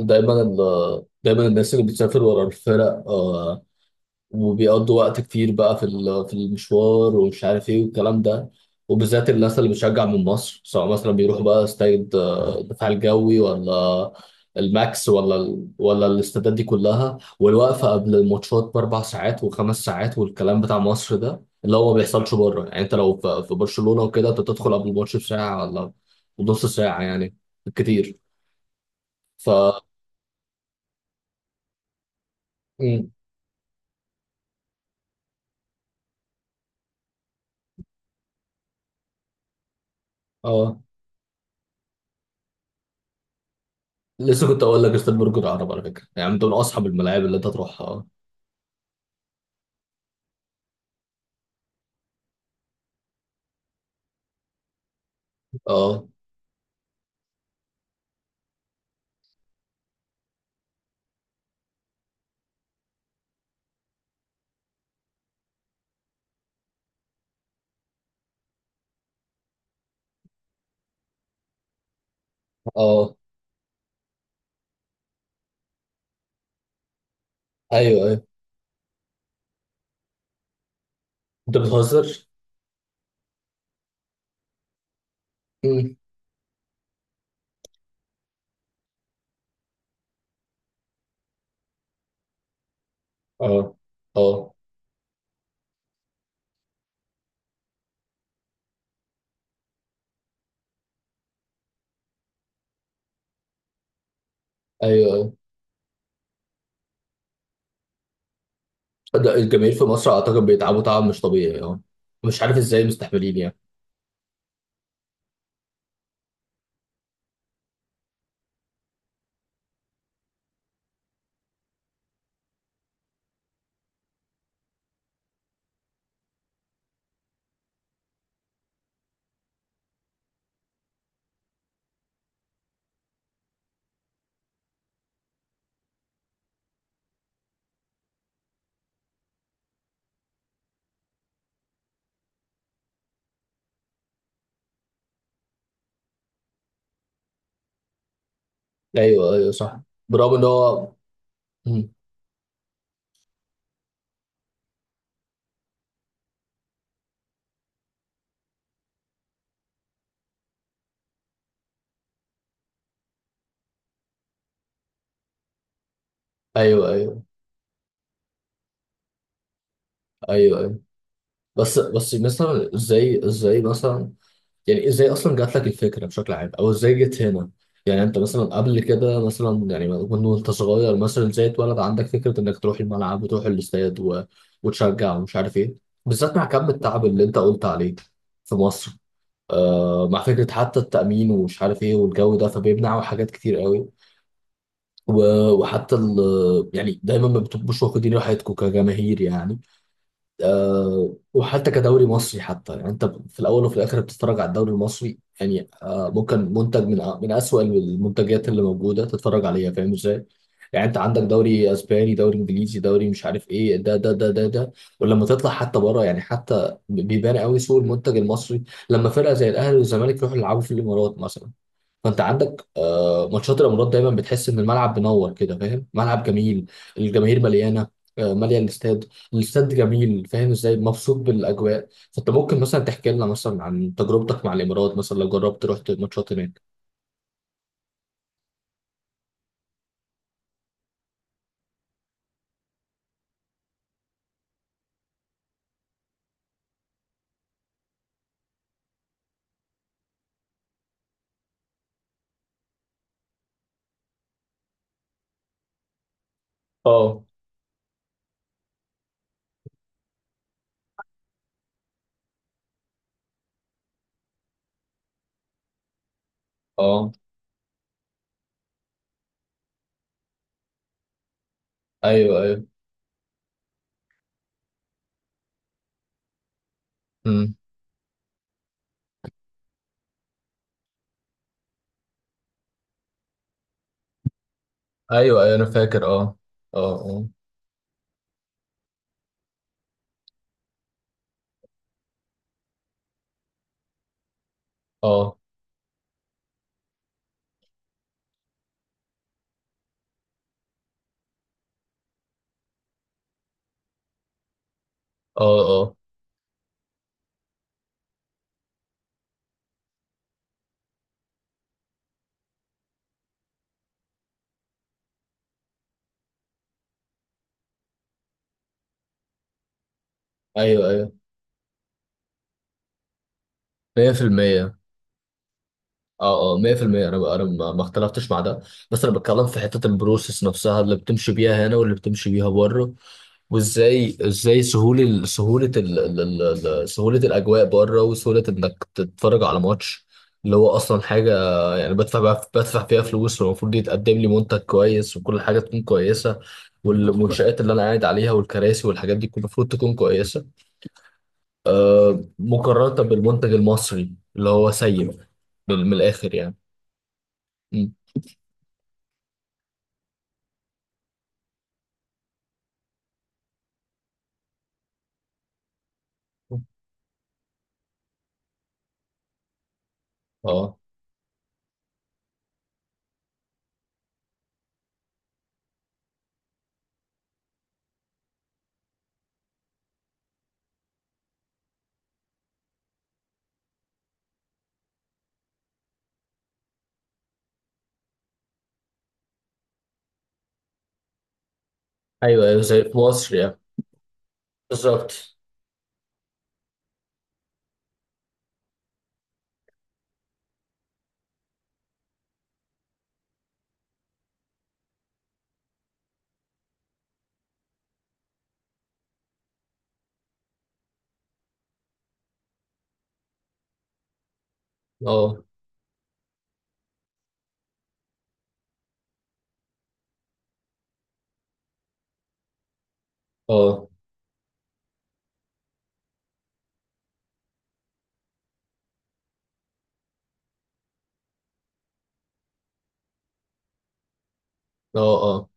دايما الناس اللي بتسافر ورا الفرق، وبيقضوا وقت كتير بقى في المشوار ومش عارف ايه والكلام ده. وبالذات الناس اللي بتشجع من مصر سواء مثلا بيروحوا بقى استاد الدفاع الجوي ولا الماكس ولا الاستادات دي كلها، والوقفة قبل الماتشات بأربع ساعات وخمس ساعات والكلام بتاع مصر ده اللي هو ما بيحصلش بره. يعني انت لو في برشلونة وكده انت تدخل قبل الماتش بساعة ولا نص ساعة يعني. كتير. ف مم. اه، لسه كنت اقول لك استاد برج العرب على فكره، يعني انت من اصحاب الملاعب اللي انت تروحها. اه، اه، اه، ايوه، ايوه، انت بتهزر. مم. اه، اه، ايوه، ايوه، ده الجماهير في مصر اعتقد بيتعبوا تعب مش طبيعي، اه. مش عارف ازاي مستحملين يعني. ايوه، ايوه، صح، برغم ان هو مم. ايوه، ايوه، ايوه، ايوه، بس مثلا ازاي مثلا، يعني ازاي اصلا جات لك الفكره بشكل عام او ازاي جت هنا، يعني انت مثلا قبل كده مثلا يعني وانت صغير مثلا ازاي اتولد عندك فكره انك تروح الملعب وتروح الاستاد وتشجع ومش عارف ايه، بالذات مع كم التعب اللي انت قلت عليه في مصر. مع فكره حتى التامين ومش عارف ايه والجو ده، فبيمنعوا حاجات كتير قوي. و... يعني دايما ما بتبقوش واخدين راحتكم كجماهير يعني. وحتى كدوري مصري، حتى يعني انت في الاول وفي الاخر بتتفرج على الدوري المصري يعني، آه ممكن منتج من اسوأ المنتجات اللي موجوده تتفرج عليها. فاهم ازاي؟ يعني انت عندك دوري اسباني، دوري انجليزي، دوري مش عارف ايه ده ده ده ده ده. ولما تطلع حتى بره يعني حتى بيبان قوي سوق المنتج المصري لما فرقه زي الاهلي والزمالك يروحوا يلعبوا في الامارات مثلا. فانت عندك ماتشات الامارات دايما بتحس ان الملعب منور كده، فاهم، ملعب جميل، الجماهير مليانه، ماليه الاستاد، الاستاد جميل، فاهم ازاي، مبسوط بالاجواء. فانت ممكن مثلا تحكي لنا مثلا عن تجربتك مع الامارات مثلا لو جربت رحت ماتشات هناك. اه، اه، ايوه، ايوه، امم، ايوه، ايوه، انا فاكر، اه، اه، اه، اه، اه، اه، ايوه، ايوه، 100%، اه، اه، 100%، انا ما اختلفتش مع ده، بس انا بتكلم في حته البروسيس نفسها اللي بتمشي بيها هنا واللي بتمشي بيها بره، وازاي ازاي سهوله ال- سهوله ال ال ال ال- سهوله الاجواء بره وسهوله انك تتفرج على ماتش اللي هو اصلا حاجه، يعني بدفع بقى بدفع فيها فلوس، والمفروض يتقدم لي منتج كويس وكل حاجه تكون كويسه، والمنشآت اللي انا قاعد عليها والكراسي والحاجات دي كل المفروض تكون كويسه، مقارنه بالمنتج المصري اللي هو سيء، من الاخر يعني. م. اه، ايوه، ايوه، زي في مصر يعني. بالظبط. اه، اه، اه، اه، اه،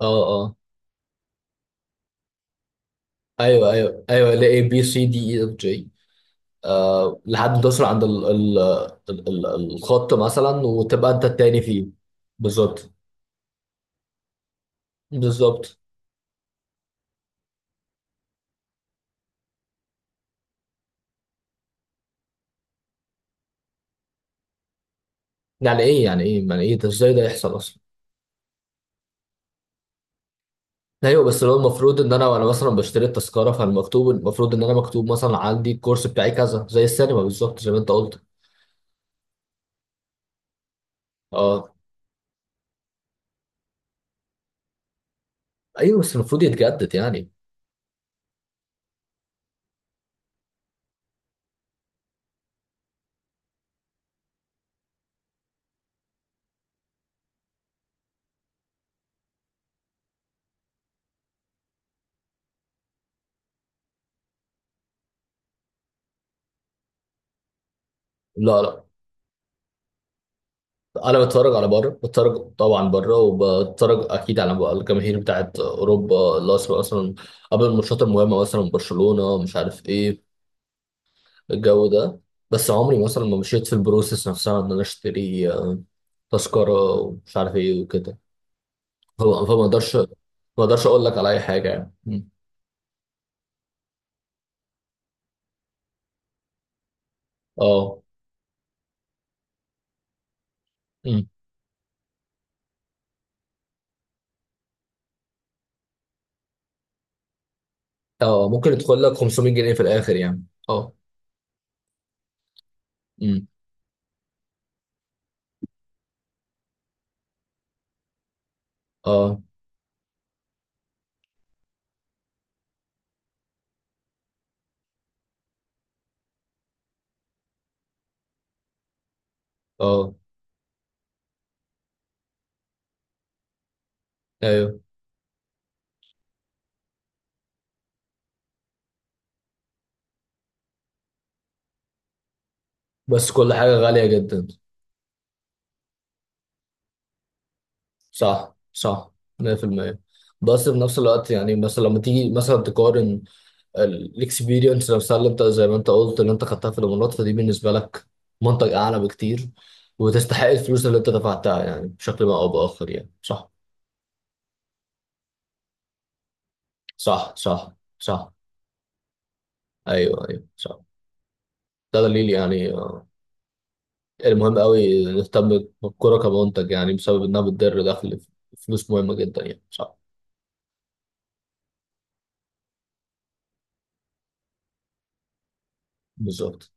اه، اه. ايوه، ايوه، ايوه، اللي A B C D E F G، آه لحد ما توصل عند ال ال ال ال الخط مثلا وتبقى انت التاني فيه. بالظبط. بالظبط. يعني ايه، يعني ايه، يعني ايه، ده ازاي ده يحصل اصلا؟ ايوه، بس اللي هو المفروض ان انا وانا مثلا بشتري التذكره، فالمكتوب المفروض ان انا مكتوب مثلا عندي الكورس بتاعي كذا زي السينما بالظبط زي ما انت قلت. اه، ايوه بس المفروض يتجدد يعني. لا، لا، انا بتفرج على بره، بتفرج طبعا بره، وبتفرج اكيد على الجماهير بتاعت اوروبا اللي اصلا اصلا قبل الماتشات المهمه مثلا برشلونه مش عارف ايه الجو ده. بس عمري مثلا ما مشيت في البروسيس نفسها ان انا اشتري تذكره ومش عارف ايه وكده. فما فما اقدرش ما اقدرش اقول لك على اي حاجه يعني. مم. اه. مم. اه، ممكن يدخل لك 500 جنيه في الاخر يعني، اه. مم. اه، اه، ايوه، بس كل حاجه غاليه جدا. صح، صح، 100%. بس في نفس الوقت يعني مثلا لما تيجي مثلا تقارن الاكسبيرينس نفسها اللي انت زي ما انت قلت اللي انت خدتها في الامارات، فدي بالنسبه لك منطق اعلى بكتير وتستحق الفلوس اللي انت دفعتها يعني بشكل ما او باخر يعني، صح، صح، صح، صح، ايوه، ايوه، صح. ده دليل يعني المهم قوي نهتم بالكوره كمنتج يعني بسبب انها بتدر دخل، فلوس مهمه جدا يعني، صح. بالظبط.